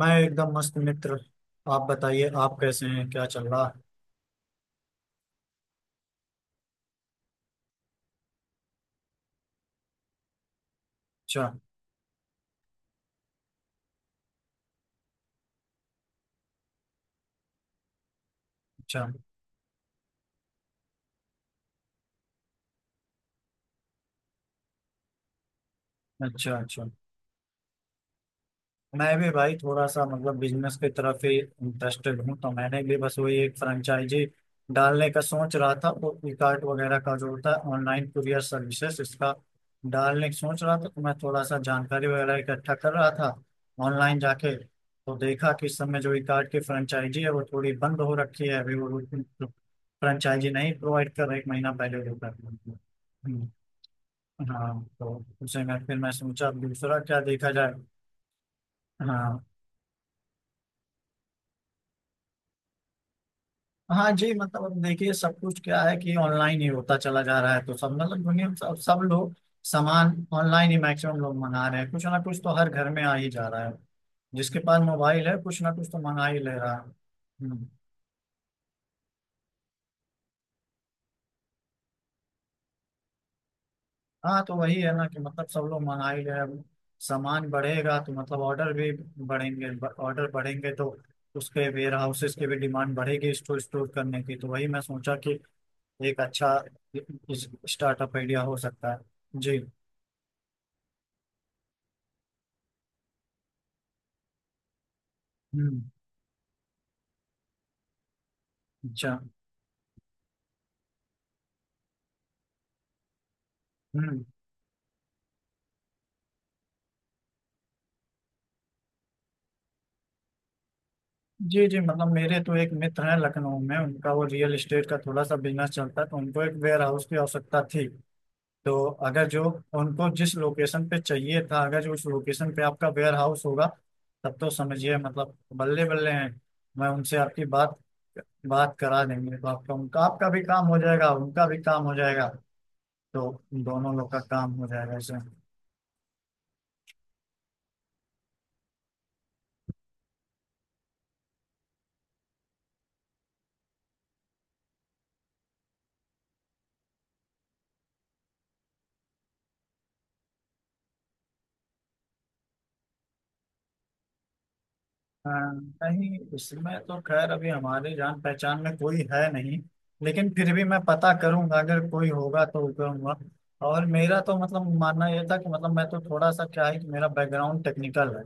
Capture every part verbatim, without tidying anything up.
मैं एकदम मस्त मित्र। आप बताइए आप कैसे हैं क्या चल रहा। अच्छा अच्छा। अच्छा अच्छा। मैं भी भाई थोड़ा सा मतलब बिजनेस की तरफ ही इंटरेस्टेड हूँ, तो मैंने भी बस वही एक फ्रेंचाइजी डालने का सोच रहा था। वो फ्लिपकार्ट वगैरह का जो होता है ऑनलाइन कुरियर सर्विसेज, इसका डालने की सोच रहा था, तो मैं थोड़ा सा जानकारी वगैरह इकट्ठा कर रहा था। ऑनलाइन जाके तो देखा कि इस समय जो इकार्ट की फ्रेंचाइजी है वो थोड़ी बंद हो रखी है, अभी वो फ्रेंचाइजी नहीं प्रोवाइड कर रहा, एक महीना पहले वो कर रही थी। हम्म। हाँ तो उसे मैं फिर मैं सोचा अब दूसरा क्या देखा जाए। हाँ हाँ जी, मतलब अब देखिए सब कुछ क्या है कि ऑनलाइन ही होता चला जा रहा है, तो सब मतलब दुनिया में सब सब लोग सामान ऑनलाइन ही मैक्सिमम लोग मंगा रहे हैं, कुछ ना कुछ तो हर घर में आ ही जा रहा है, जिसके पास मोबाइल है कुछ ना कुछ तो मंगा ही ले रहा है। हम्म। हाँ तो वही है ना कि मतलब सब लोग मंगा ही ले रहे हैं, सामान बढ़ेगा तो मतलब ऑर्डर भी बढ़ेंगे, ऑर्डर बढ़ेंगे तो उसके वेयर हाउसेस की भी डिमांड बढ़ेगी, स्टोर स्टोर करने की, तो वही मैं सोचा कि एक अच्छा स्टार्टअप आइडिया हो सकता है जी। हम्म। अच्छा। हम्म। जी जी, मतलब मेरे तो एक मित्र हैं लखनऊ में, उनका वो रियल एस्टेट का थोड़ा सा बिजनेस चलता है, तो उनको एक वेयर हाउस की आवश्यकता थी। तो अगर जो उनको जिस लोकेशन पे चाहिए था, अगर जो उस लोकेशन पे आपका वेयर हाउस होगा, तब तो समझिए मतलब बल्ले बल्ले हैं। मैं उनसे आपकी बात बात करा देंगे, तो आपका उनका, आपका भी काम हो जाएगा उनका भी काम हो जाएगा, तो दोनों लोग का काम हो जाएगा ऐसे। हाँ। नहीं, इसमें तो खैर अभी हमारे जान पहचान में कोई है नहीं, लेकिन फिर भी मैं पता करूंगा, अगर कोई होगा तो करूंगा। और मेरा तो मतलब मानना यह था कि मतलब मैं तो थोड़ा सा क्या है कि मेरा बैकग्राउंड टेक्निकल है,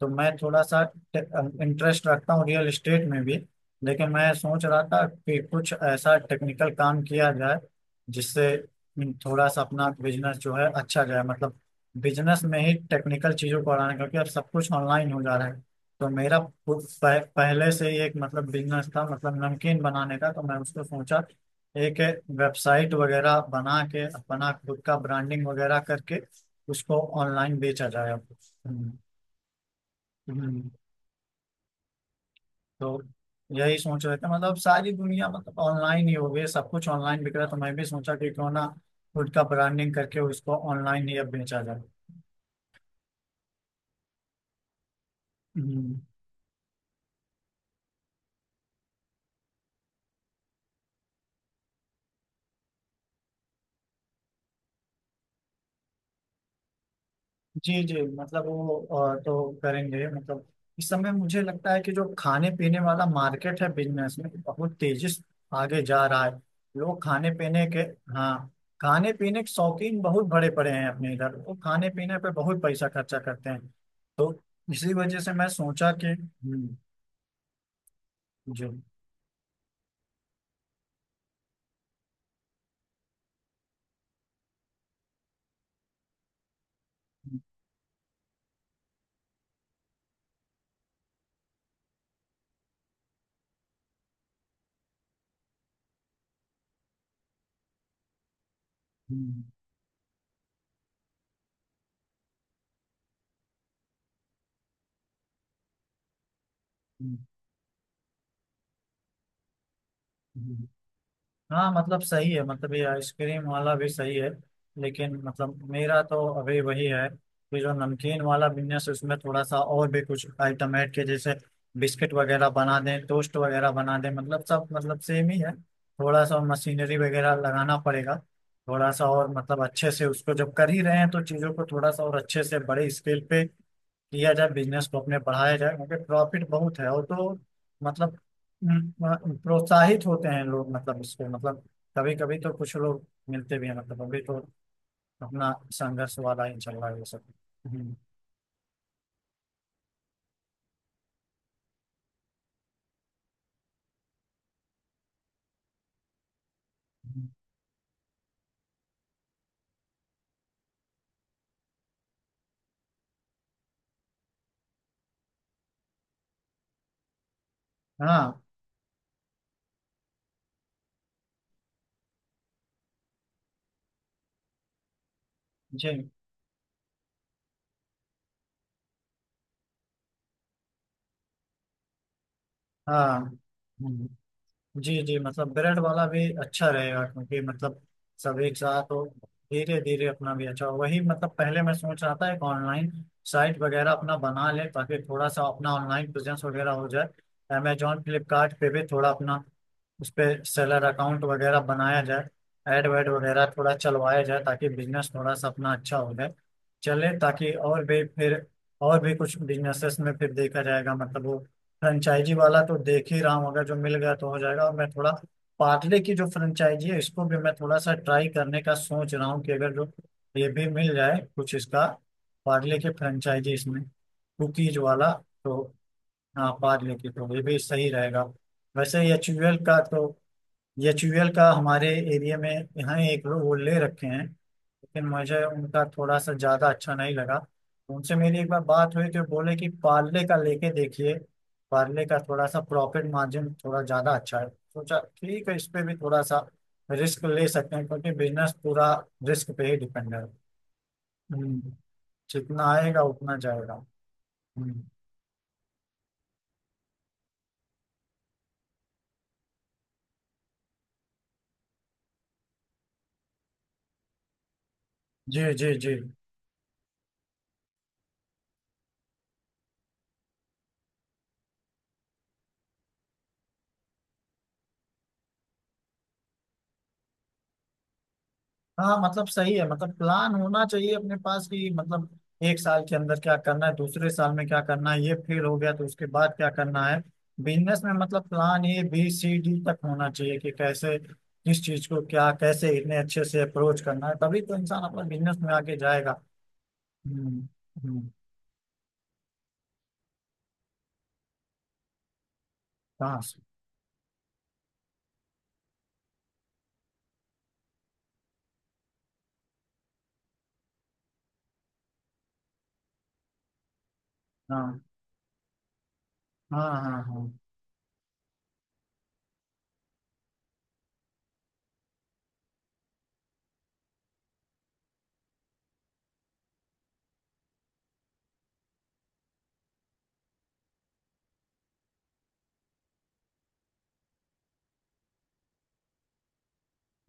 तो मैं थोड़ा सा इंटरेस्ट रखता हूँ रियल इस्टेट में भी। लेकिन मैं सोच रहा था कि कुछ ऐसा टेक्निकल काम किया जाए जिससे थोड़ा सा अपना बिजनेस जो है अच्छा जाए, मतलब बिजनेस में ही टेक्निकल चीजों को बढ़ाना, क्योंकि अब सब कुछ ऑनलाइन हो जा रहा है। तो मेरा पु- पह, पहले से ही एक मतलब बिजनेस था, मतलब नमकीन बनाने का, तो मैं उसको सोचा एक वेबसाइट वगैरह बना के अपना खुद का ब्रांडिंग वगैरह करके उसको ऑनलाइन बेचा जाए अब। हम्म। हम्म। तो यही सोच रहे थे, मतलब सारी दुनिया मतलब ऑनलाइन ही हो गई, सब कुछ ऑनलाइन बिक रहा है, तो मैं भी सोचा कि क्यों ना खुद का ब्रांडिंग करके उसको ऑनलाइन ही अब बेचा जाए। हम्म। जी जी, मतलब वो अ, तो करेंगे, मतलब इस समय मुझे लगता है कि जो खाने पीने वाला मार्केट है बिजनेस में बहुत तेजी से आगे जा रहा है, लोग खाने पीने के। हाँ, खाने पीने के शौकीन बहुत बड़े पड़े हैं अपने इधर, वो खाने पीने पे बहुत पैसा खर्चा करते हैं, तो इसी वजह से मैं सोचा कि। हम्म। जी। हम्म। हम्म। हम्म। हम्म। हाँ मतलब सही है, मतलब ये आइसक्रीम वाला भी सही है, लेकिन मतलब मेरा तो अभी वही है कि जो नमकीन वाला बिजनेस, उसमें थोड़ा सा और भी कुछ आइटम ऐड के, जैसे बिस्किट वगैरह बना दें, टोस्ट वगैरह बना दें, मतलब सब मतलब सेम ही है। थोड़ा सा मशीनरी वगैरह लगाना पड़ेगा, थोड़ा सा और मतलब अच्छे से उसको जब कर ही रहे हैं, तो चीज़ों को थोड़ा सा और अच्छे से बड़े स्केल पे किया जाए, बिजनेस को अपने बढ़ाया जाए, क्योंकि प्रॉफिट बहुत है। और तो मतलब हम्म, प्रोत्साहित होते हैं लोग, मतलब इसको मतलब कभी कभी तो कुछ लोग मिलते भी हैं, मतलब अभी तो अपना संघर्ष वाला ही चल रहा है ये सब। हम्म। हम्म। हाँ जी। हाँ। हम्म। जी जी, मतलब ब्रेड वाला भी अच्छा रहेगा, क्योंकि मतलब सब एक साथ हो, धीरे धीरे अपना भी अच्छा हो, वही मतलब पहले मैं सोच रहा था एक ऑनलाइन साइट वगैरह अपना बना ले, ताकि थोड़ा सा अपना ऑनलाइन बिजनेस वगैरह हो जाए। अमेजोन फ्लिपकार्ट पे भी थोड़ा अपना उस पर सेलर अकाउंट वगैरह बनाया जाए, ऐड वैड वगैरह थोड़ा चलवाया जाए, ताकि बिजनेस थोड़ा सा अपना अच्छा हो जाए चले, ताकि और भी फिर और भी कुछ बिजनेसेस में फिर देखा जाएगा। मतलब वो फ्रेंचाइजी वाला तो देख ही रहा हूँ, अगर जो मिल गया तो हो जाएगा, और मैं थोड़ा पार्ले की जो फ्रेंचाइजी है, इसको भी मैं थोड़ा सा ट्राई करने का सोच रहा हूँ, कि अगर जो ये भी मिल जाए कुछ इसका। पार्ले की फ्रेंचाइजी, इसमें कुकीज वाला, तो हाँ पार्ले की तो ये भी सही रहेगा। वैसे ही एच यू एल का तो एच यू एल का हमारे एरिया में यहाँ एक लोग वो ले रखे हैं, लेकिन मुझे उनका थोड़ा सा ज़्यादा अच्छा नहीं लगा, उनसे मेरी एक बार बात हुई तो बोले कि पार्ले का लेके देखिए। पार्ले का थोड़ा सा प्रॉफिट मार्जिन थोड़ा ज़्यादा अच्छा है, सोचा ठीक है, इस पे भी थोड़ा सा रिस्क ले सकते हैं, क्योंकि बिजनेस पूरा रिस्क पे ही डिपेंड है। हम्म, जितना आएगा उतना जाएगा। हम्म। जी जी जी। हाँ मतलब सही है, मतलब प्लान होना चाहिए अपने पास, कि मतलब एक साल के अंदर क्या करना है, दूसरे साल में क्या करना है, ये फेल हो गया तो उसके बाद क्या करना है। बिजनेस में मतलब plan A B C D तक होना चाहिए, कि कैसे किस चीज को क्या कैसे इतने अच्छे से अप्रोच करना है, तभी तो इंसान अपना बिजनेस में आगे जाएगा। हम्म। हम्म। हाँ। हाँ। हाँ। हाँ। हाँ।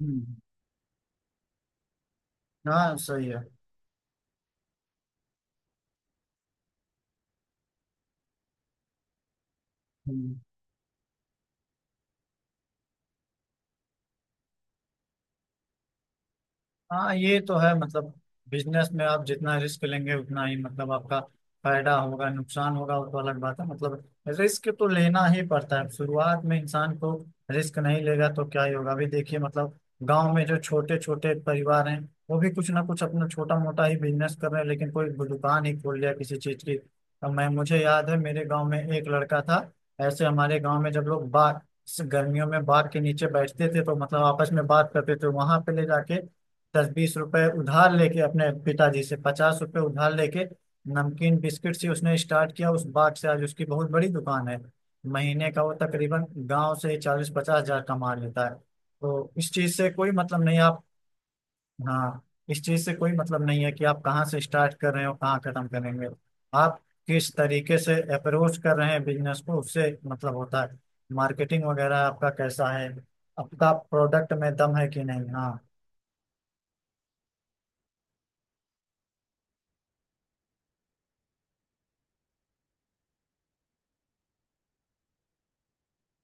हम्म। हाँ सही है। हम्म। हाँ ये तो है, मतलब बिजनेस में आप जितना रिस्क लेंगे उतना ही मतलब आपका फायदा होगा नुकसान होगा वो तो अलग बात है, मतलब रिस्क तो लेना ही पड़ता है शुरुआत में इंसान को, रिस्क नहीं लेगा तो क्या ही होगा। अभी देखिए मतलब गांव में जो छोटे छोटे परिवार हैं, वो भी कुछ ना कुछ अपना छोटा मोटा ही बिजनेस कर रहे हैं, लेकिन कोई दुकान ही खोल लिया किसी चीज की। अब मैं, मुझे याद है मेरे गाँव में एक लड़का था, ऐसे हमारे गाँव में जब लोग बाग गर्मियों में बाग के नीचे बैठते थे, तो मतलब आपस में बात करते थे, वहां पे ले जाके दस बीस रुपए उधार लेके, अपने पिताजी से पचास रुपए उधार लेके, नमकीन बिस्किट से उसने स्टार्ट किया, उस बाट से आज उसकी बहुत बड़ी दुकान है। महीने का वो तकरीबन गांव से चालीस पचास हजार कमा लेता है, तो इस चीज से कोई मतलब नहीं आप। हाँ। इस चीज से कोई मतलब नहीं है कि आप कहाँ से स्टार्ट कर रहे हो कहाँ खत्म करेंगे, आप किस तरीके से अप्रोच कर रहे हैं बिजनेस को उससे मतलब होता है। मार्केटिंग वगैरह आपका कैसा है, आपका प्रोडक्ट में दम है कि नहीं। हाँ।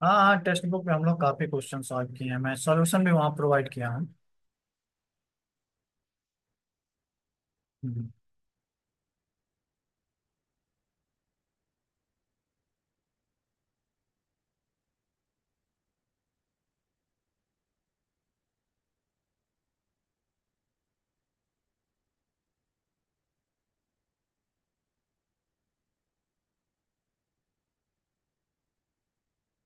हाँ हाँ। टेक्स्ट बुक में हम लोग काफी क्वेश्चन सॉल्व किए हैं, मैं सॉल्यूशन भी वहाँ प्रोवाइड किया हूँ। हम्म।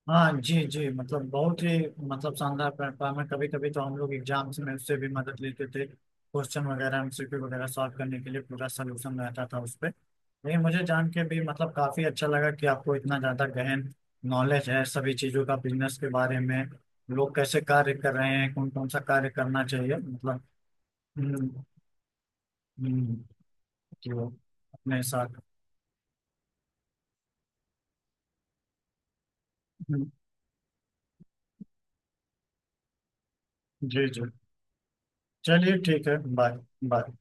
हाँ जी जी, मतलब बहुत ही मतलब शानदार प्लेटफॉर्म है, कभी कभी तो हम लोग एग्जाम्स में उससे भी मदद लेते थे, क्वेश्चन वगैरह एम सी क्यू वगैरह सॉल्व करने के लिए पूरा सोल्यूशन रहता था उस पर। लेकिन मुझे जान के भी मतलब काफी अच्छा लगा कि आपको इतना ज्यादा गहन नॉलेज है सभी चीजों का बिजनेस के बारे में, लोग कैसे कार्य कर रहे हैं, कौन कौन सा कार्य करना चाहिए मतलब। हम्म। हम्म। कि वो अपने साथ। हम्म। जी जी। चलिए ठीक है, बाय। बाय।